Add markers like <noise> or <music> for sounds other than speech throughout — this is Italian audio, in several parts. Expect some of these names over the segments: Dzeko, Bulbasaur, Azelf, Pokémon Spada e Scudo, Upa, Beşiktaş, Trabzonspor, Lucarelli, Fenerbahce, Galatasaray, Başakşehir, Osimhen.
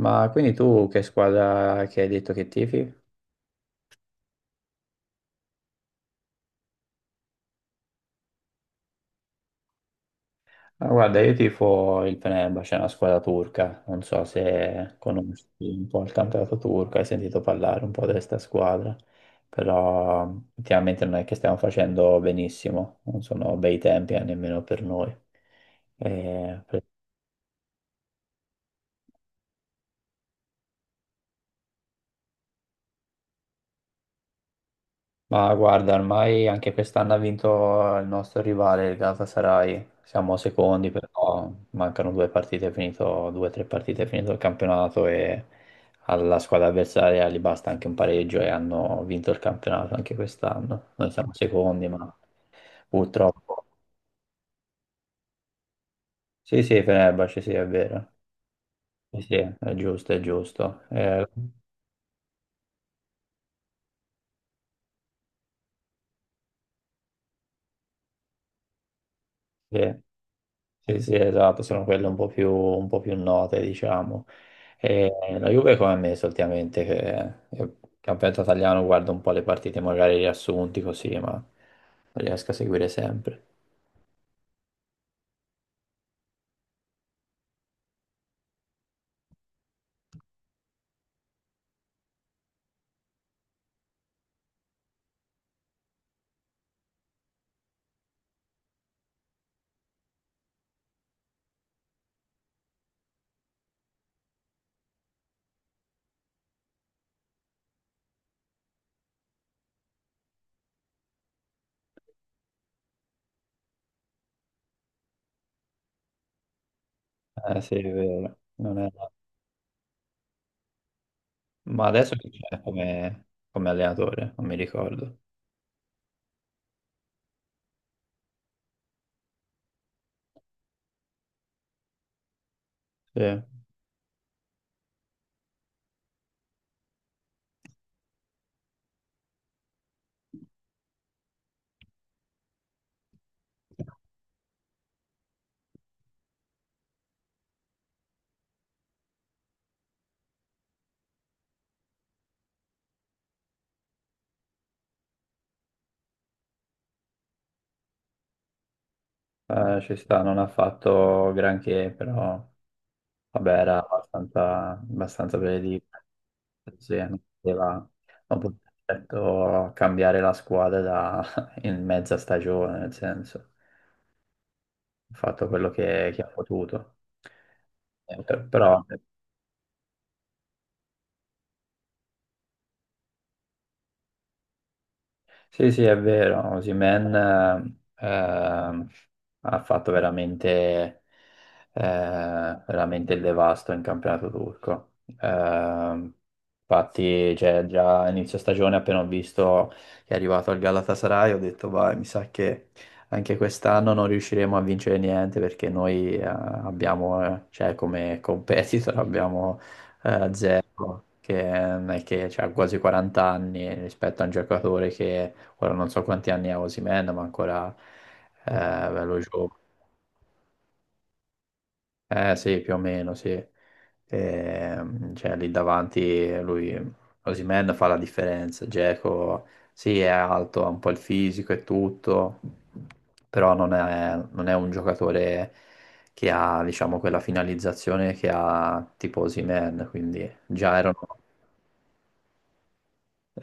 Ma quindi tu che squadra che hai detto che tifi? Ah, guarda, io tifo il Fenerbahce, è una squadra turca, non so se conosci un po' il campionato turco, hai sentito parlare un po' di questa squadra, però ultimamente non è che stiamo facendo benissimo, non sono bei tempi nemmeno per noi. Eh, Ma guarda, ormai anche quest'anno ha vinto il nostro rivale, il Galatasaray. Siamo secondi, però mancano due partite, è finito, due o tre partite, è finito il campionato e alla squadra avversaria gli basta anche un pareggio e hanno vinto il campionato anche quest'anno. Noi siamo secondi, ma purtroppo. Sì, sì, Fenerbahce, sì, è vero. Sì, sì, è giusto, è giusto. Sì. Sì, sì, esatto, sono quelle un po' più note, diciamo. E la Juve come me solitamente, che campionato italiano guardo un po' le partite, magari riassunti così, ma non riesco a seguire sempre. Eh sì, è vero. Non è- Ma adesso chi c'è come allenatore? Non mi ricordo. Sì, ci sta, non ha fatto granché, però vabbè, era abbastanza, abbastanza. Sì, non poteva certo cambiare la squadra <laughs> in mezza stagione, nel senso, ha fatto quello che ha potuto. Però sì, sì, è vero, Osimhen ha fatto eh, veramente il devasto in campionato turco. Ehm, Infatti, cioè, già a inizio stagione, appena ho visto che è arrivato al Galatasaray, ho detto, vai, mi sa che anche quest'anno non riusciremo a vincere niente perché noi abbiamo, cioè, come competitor abbiamo zero, che non è che cioè, ha quasi 40 anni rispetto a un giocatore che. Ora non so quanti anni ha Osimhen, ma ancora eh, Mm. bello giovane. Eh sì, più o meno, sì. Cioè lì davanti lui, Osimhen fa la differenza. Dzeko, sì, è alto, ha un po' il fisico e tutto, però non è un giocatore che ha, diciamo, quella finalizzazione che ha tipo Osimhen, quindi già erano.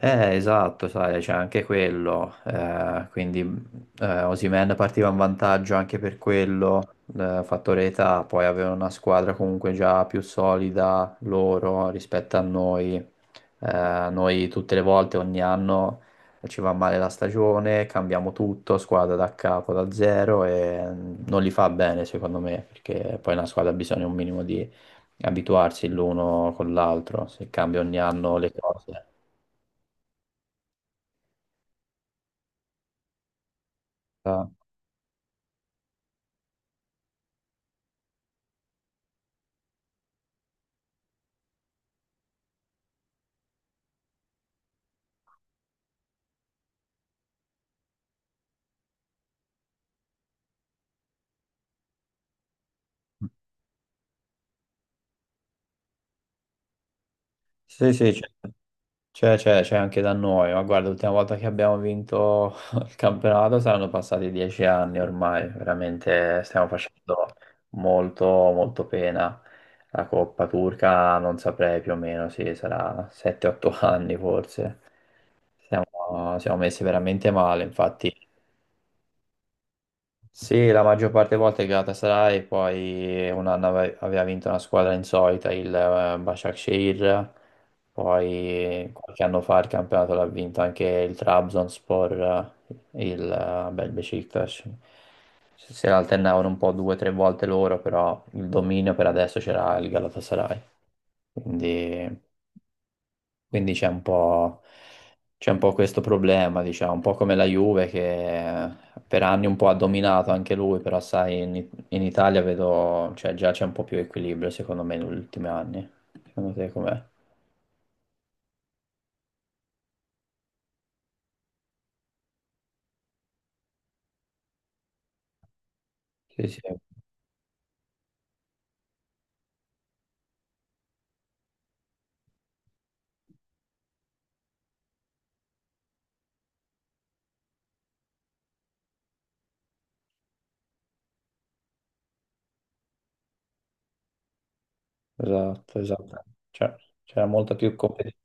Esatto, sai, c'è anche quello, quindi Osimhen partiva in vantaggio anche per quello, fattore età, poi aveva una squadra comunque già più solida loro rispetto a noi. Noi tutte le volte, ogni anno ci va male la stagione, cambiamo tutto, squadra da capo, da zero e non li fa bene secondo me, perché poi una squadra ha bisogno un minimo di abituarsi l'uno con l'altro, se cambia ogni anno le cose. Ah. Sì, sì, c'è anche da noi, ma guarda, l'ultima volta che abbiamo vinto <laughs> il campionato saranno passati 10 anni ormai, veramente stiamo facendo molto, molto pena. La Coppa Turca non saprei più o meno, sì, sarà 7-8 <laughs> anni forse. Siamo messi veramente male, infatti sì, la maggior parte delle volte è Galatasaray, e poi un anno aveva vinto una squadra insolita, il Başakşehir, poi qualche anno fa il campionato l'ha vinto anche il Trabzonspor, il Bel Beşiktaş. Si alternavano un po' due o tre volte loro, però il dominio per adesso c'era il Galatasaray, quindi. Quindi c'è un po' questo problema, diciamo, un po' come la Juve che per anni un po' ha dominato anche lui, però sai, in Italia vedo, cioè già c'è un po' più equilibrio secondo me negli ultimi anni. Secondo te com'è? Sì, sì, esatto, esatto. Cioè, c'era molta più competizione.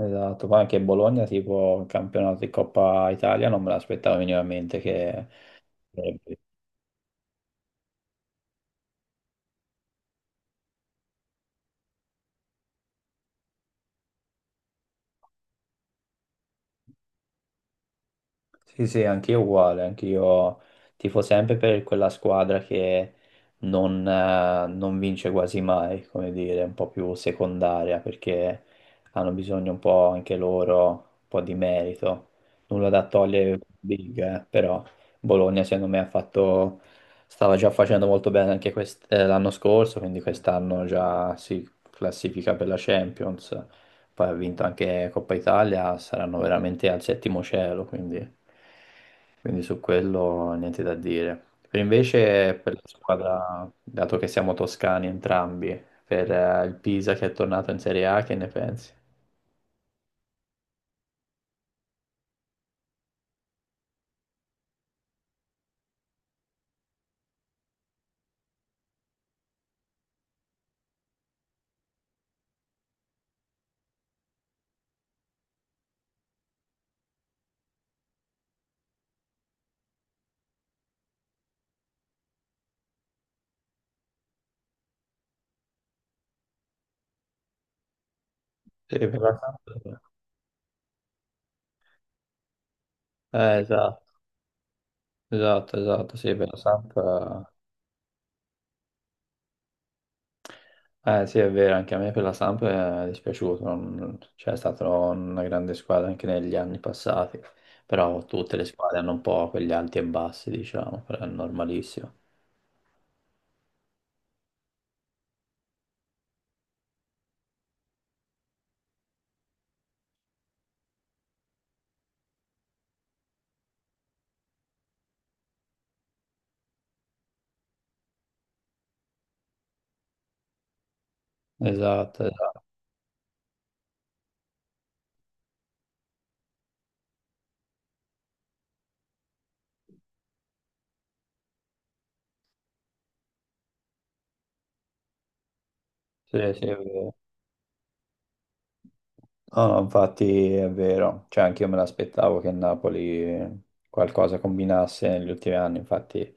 Esatto, poi anche Bologna, tipo il campionato di Coppa Italia, non me l'aspettavo minimamente che. Sì, sì, anch'io uguale, anch'io tifo sempre per quella squadra che non vince quasi mai, come dire, un po' più secondaria, perché hanno bisogno un po' anche loro, un po' di merito. Nulla da togliere ai Big, però Bologna secondo me stava già facendo molto bene anche l'anno scorso, quindi quest'anno già si classifica per la Champions. Poi ha vinto anche Coppa Italia, saranno veramente al settimo cielo, quindi, su quello niente da dire. Per invece per la squadra, dato che siamo toscani entrambi, per il Pisa che è tornato in Serie A, che ne pensi? Sì, per la Samp. Esatto, esatto, esatto, sì, per la Samp. Eh sì, è vero, anche a me per la Samp è dispiaciuto, cioè è stata una grande squadra anche negli anni passati, però tutte le squadre hanno un po' quegli alti e bassi, diciamo, però è normalissimo. Esatto, esatto, sì, sì, è vero. No, no, infatti è vero, cioè anche io me l'aspettavo che il Napoli qualcosa combinasse negli ultimi anni, infatti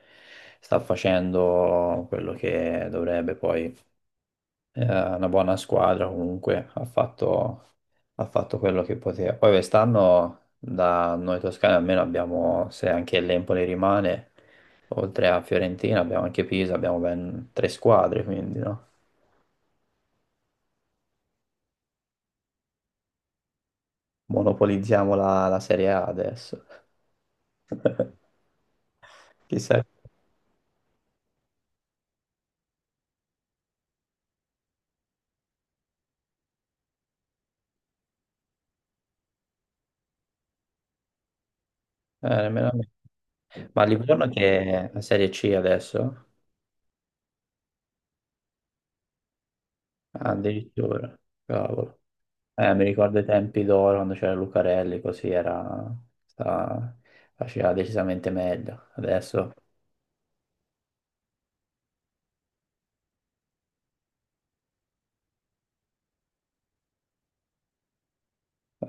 sta facendo quello che dovrebbe poi. È una buona squadra comunque, ha fatto quello che poteva. Poi quest'anno da noi toscani almeno abbiamo, se anche l'Empoli rimane, oltre a Fiorentina abbiamo anche Pisa, abbiamo ben tre squadre, quindi no? Monopolizziamo la Serie A adesso. <laughs> Chissà. Nemmeno a me. Ma Livorno che è la Serie C adesso? Ah, addirittura, cavolo. Mi ricordo i tempi d'oro quando c'era Lucarelli, così era, sta- faceva decisamente meglio. Adesso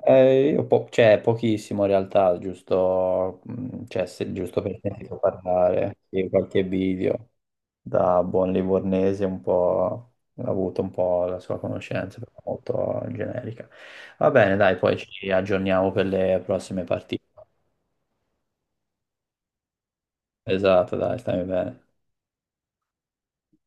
io cioè, pochissimo in realtà, giusto, cioè, giusto per sentito parlare di qualche video da buon livornese, un po' ha avuto un po' la sua conoscenza, però molto generica. Va bene, dai, poi ci aggiorniamo per le prossime partite. Esatto, dai, stai bene.